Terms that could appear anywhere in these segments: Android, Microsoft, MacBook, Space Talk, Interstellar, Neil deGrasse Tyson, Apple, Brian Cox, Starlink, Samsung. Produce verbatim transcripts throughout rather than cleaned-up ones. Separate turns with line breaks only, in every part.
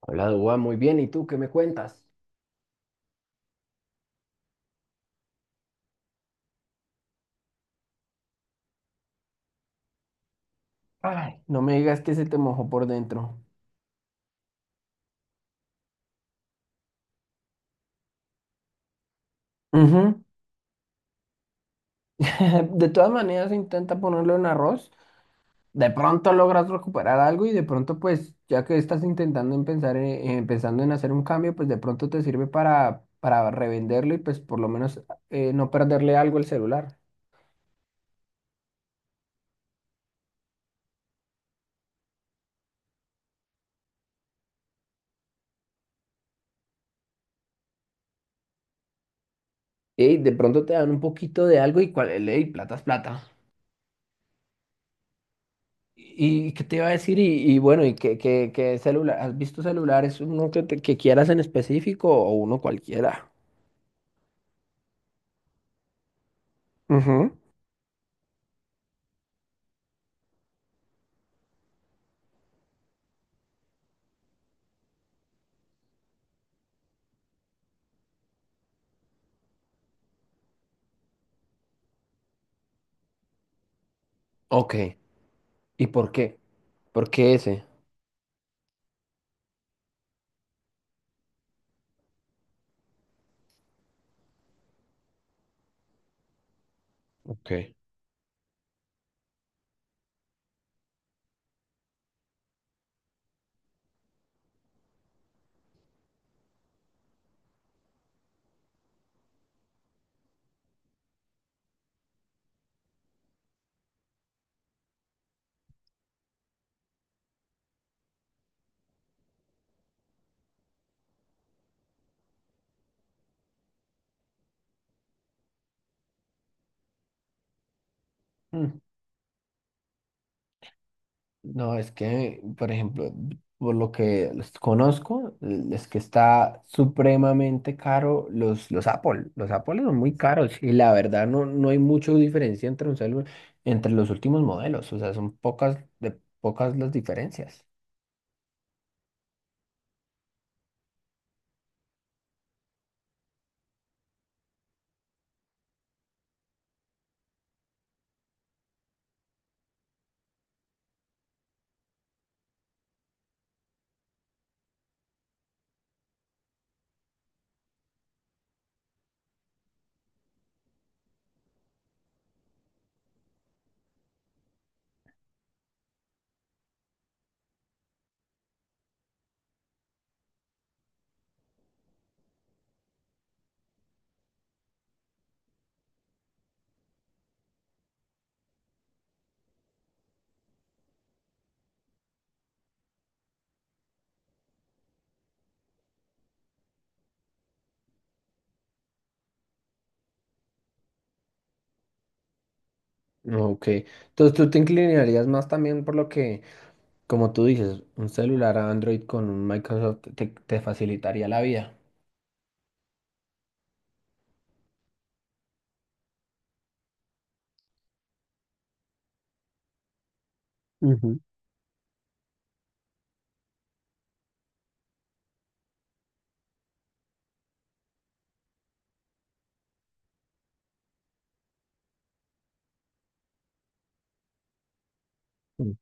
Hola, Dua, muy bien. ¿Y tú qué me cuentas? Ay, no me digas que se te mojó por dentro. Ujú. De todas maneras, intenta ponerlo en arroz. De pronto logras recuperar algo y de pronto, pues, ya que estás intentando en pensar en, en- pensando en hacer un cambio, pues de pronto te sirve para, para revenderlo y pues por lo menos eh, no perderle algo al celular. Ey, de pronto te dan un poquito de algo y cuál, ey, plata es plata. ¿Y qué te iba a decir? Y, y bueno, ¿y qué, qué, qué celular? ¿Has visto celulares? ¿Uno que, te- que quieras en específico o uno cualquiera? Ujú. Ok. ¿Y por qué? ¿Por qué ese? Ok. Mm. No, es que, por ejemplo, por lo que los conozco, eh, es que está supremamente caro los, los Apple. Los Apple son muy caros y la verdad no, no hay mucha diferencia entre un celular, entre los últimos modelos. O sea, son pocas, de pocas las diferencias. Ok, entonces tú te inclinarías más también por lo que, como tú dices, un celular Android con un Microsoft te, te facilitaría la vida. Ujú. Mm.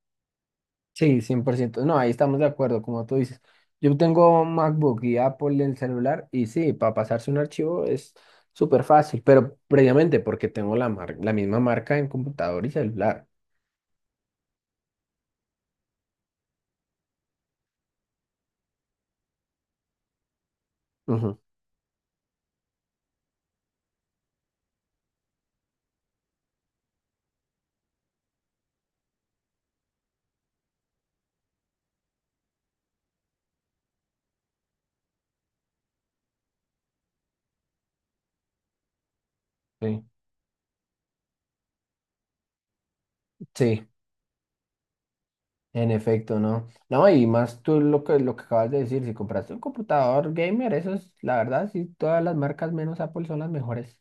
Sí, cien por ciento. No, ahí estamos de acuerdo, como tú dices. Yo tengo MacBook y Apple en el celular y sí, para pasarse un archivo es súper fácil, pero previamente porque tengo la, mar- la misma marca en computador y celular. Ujú, sí, sí. En efecto, ¿no? No, y más tú lo que, lo que, acabas de decir, si compraste un computador gamer, eso es, la verdad, sí, todas las marcas menos Apple son las mejores.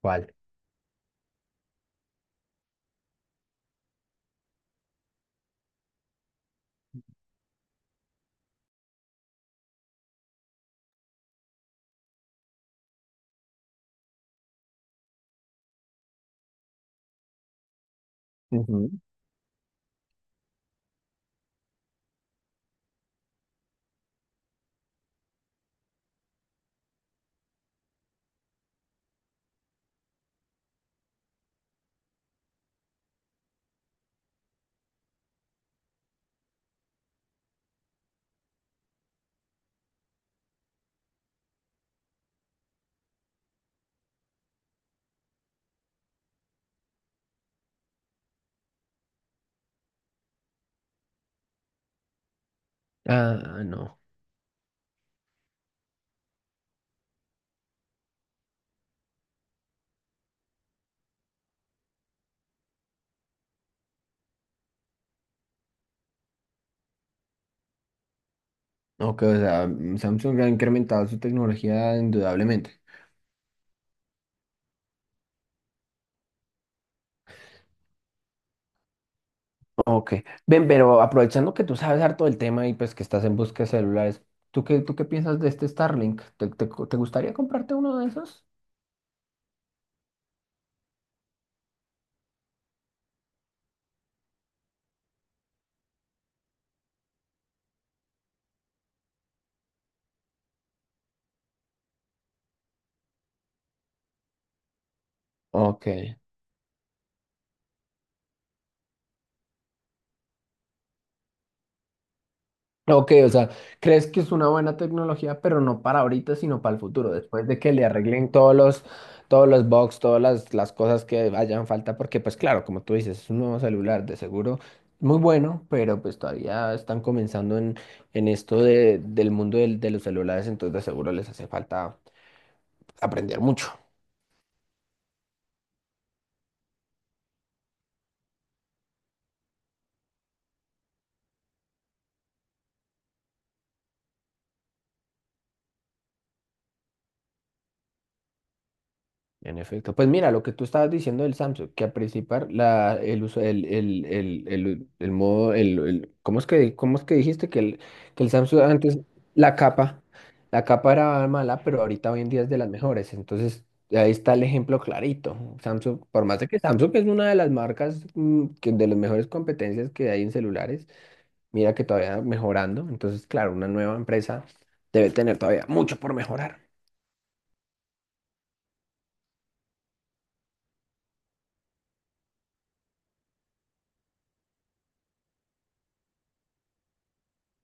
¿Cuál? Ujú. Ah, no. Ok, o sea, mm, Samsung ha incrementado su tecnología indudablemente. Ok. Ven, pero aprovechando que tú sabes harto del tema y pues que estás en busca de celulares, ¿tú qué, tú qué piensas de este Starlink? ¿Te, te, te gustaría comprarte uno de esos? Ok. Ok, o sea, crees que es una buena tecnología, pero no para ahorita, sino para el futuro, después de que le arreglen todos los, todos los, bugs, todas las, las cosas que hayan falta, porque pues claro, como tú dices, es un nuevo celular de seguro muy bueno, pero pues todavía están comenzando en, en esto de- del mundo del- de los celulares, entonces de seguro les hace falta aprender mucho. En efecto, pues mira, lo que tú estabas diciendo del Samsung, que a principar la, el uso, el, el, el, el, el modo, el, el- ¿cómo es que, cómo es que dijiste que el, que el, Samsung antes, la capa, la capa era mala, pero ahorita hoy en día es de las mejores, entonces ahí está el ejemplo clarito, Samsung, por más de que Samsung es una de las marcas mm, que de las mejores competencias que hay en celulares, mira que todavía mejorando, entonces claro, una nueva empresa debe tener todavía mucho por mejorar.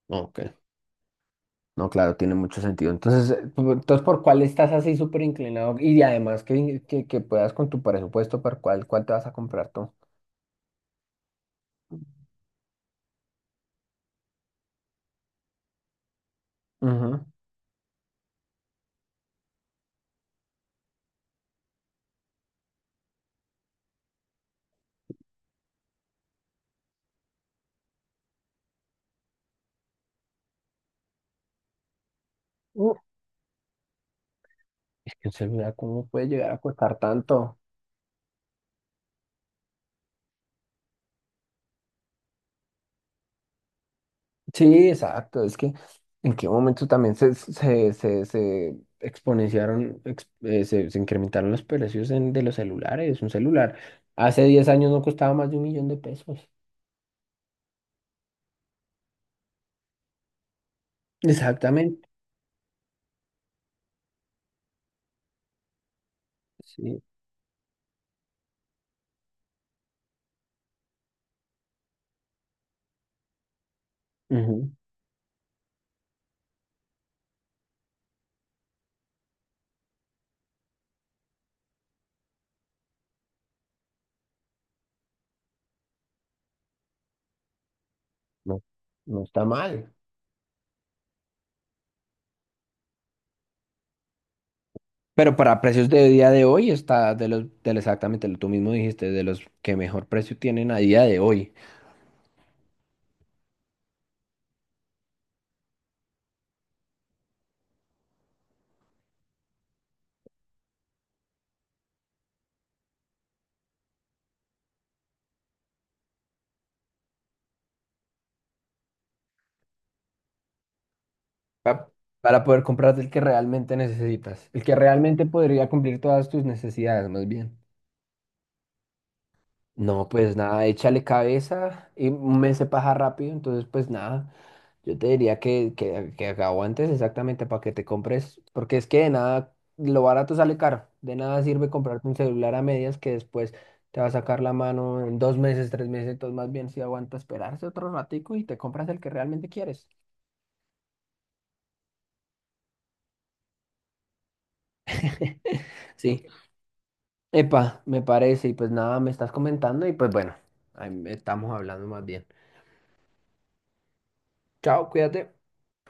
Ok. No, claro, tiene mucho sentido. Entonces, eh, pu- entonces ¿por cuál estás así súper inclinado? Y además que, que, que puedas con tu presupuesto, ¿por cuál, cuál te vas a comprar tú? Ujú. Uh, es que un celular, ¿cómo puede llegar a costar tanto? Sí, exacto. Es que en qué momento también se, se, se, se exponenciaron, ex- eh, se, se incrementaron los precios en- de los celulares. Un celular hace diez años no costaba más de un millón de pesos. Exactamente. Sí. Ujú. No, no está mal. Pero para precios de día de hoy está de los, del exactamente lo tú mismo dijiste, de los que mejor precio tienen a día de hoy. pa- Para poder comprarte el que realmente necesitas, el que realmente podría cumplir todas tus necesidades, más bien. No, pues nada, échale cabeza y me mes se pasa rápido, entonces pues nada, yo te diría que, que, que, aguantes exactamente para que te compres, porque es que de nada, lo barato sale caro, de nada sirve comprarte un celular a medias que después te va a sacar la mano en dos meses, tres meses, entonces más bien si aguanta esperarse otro ratico y te compras el que realmente quieres. Sí, epa, me parece, y pues nada, me estás comentando y pues bueno, ahí estamos hablando más bien. Chao, cuídate.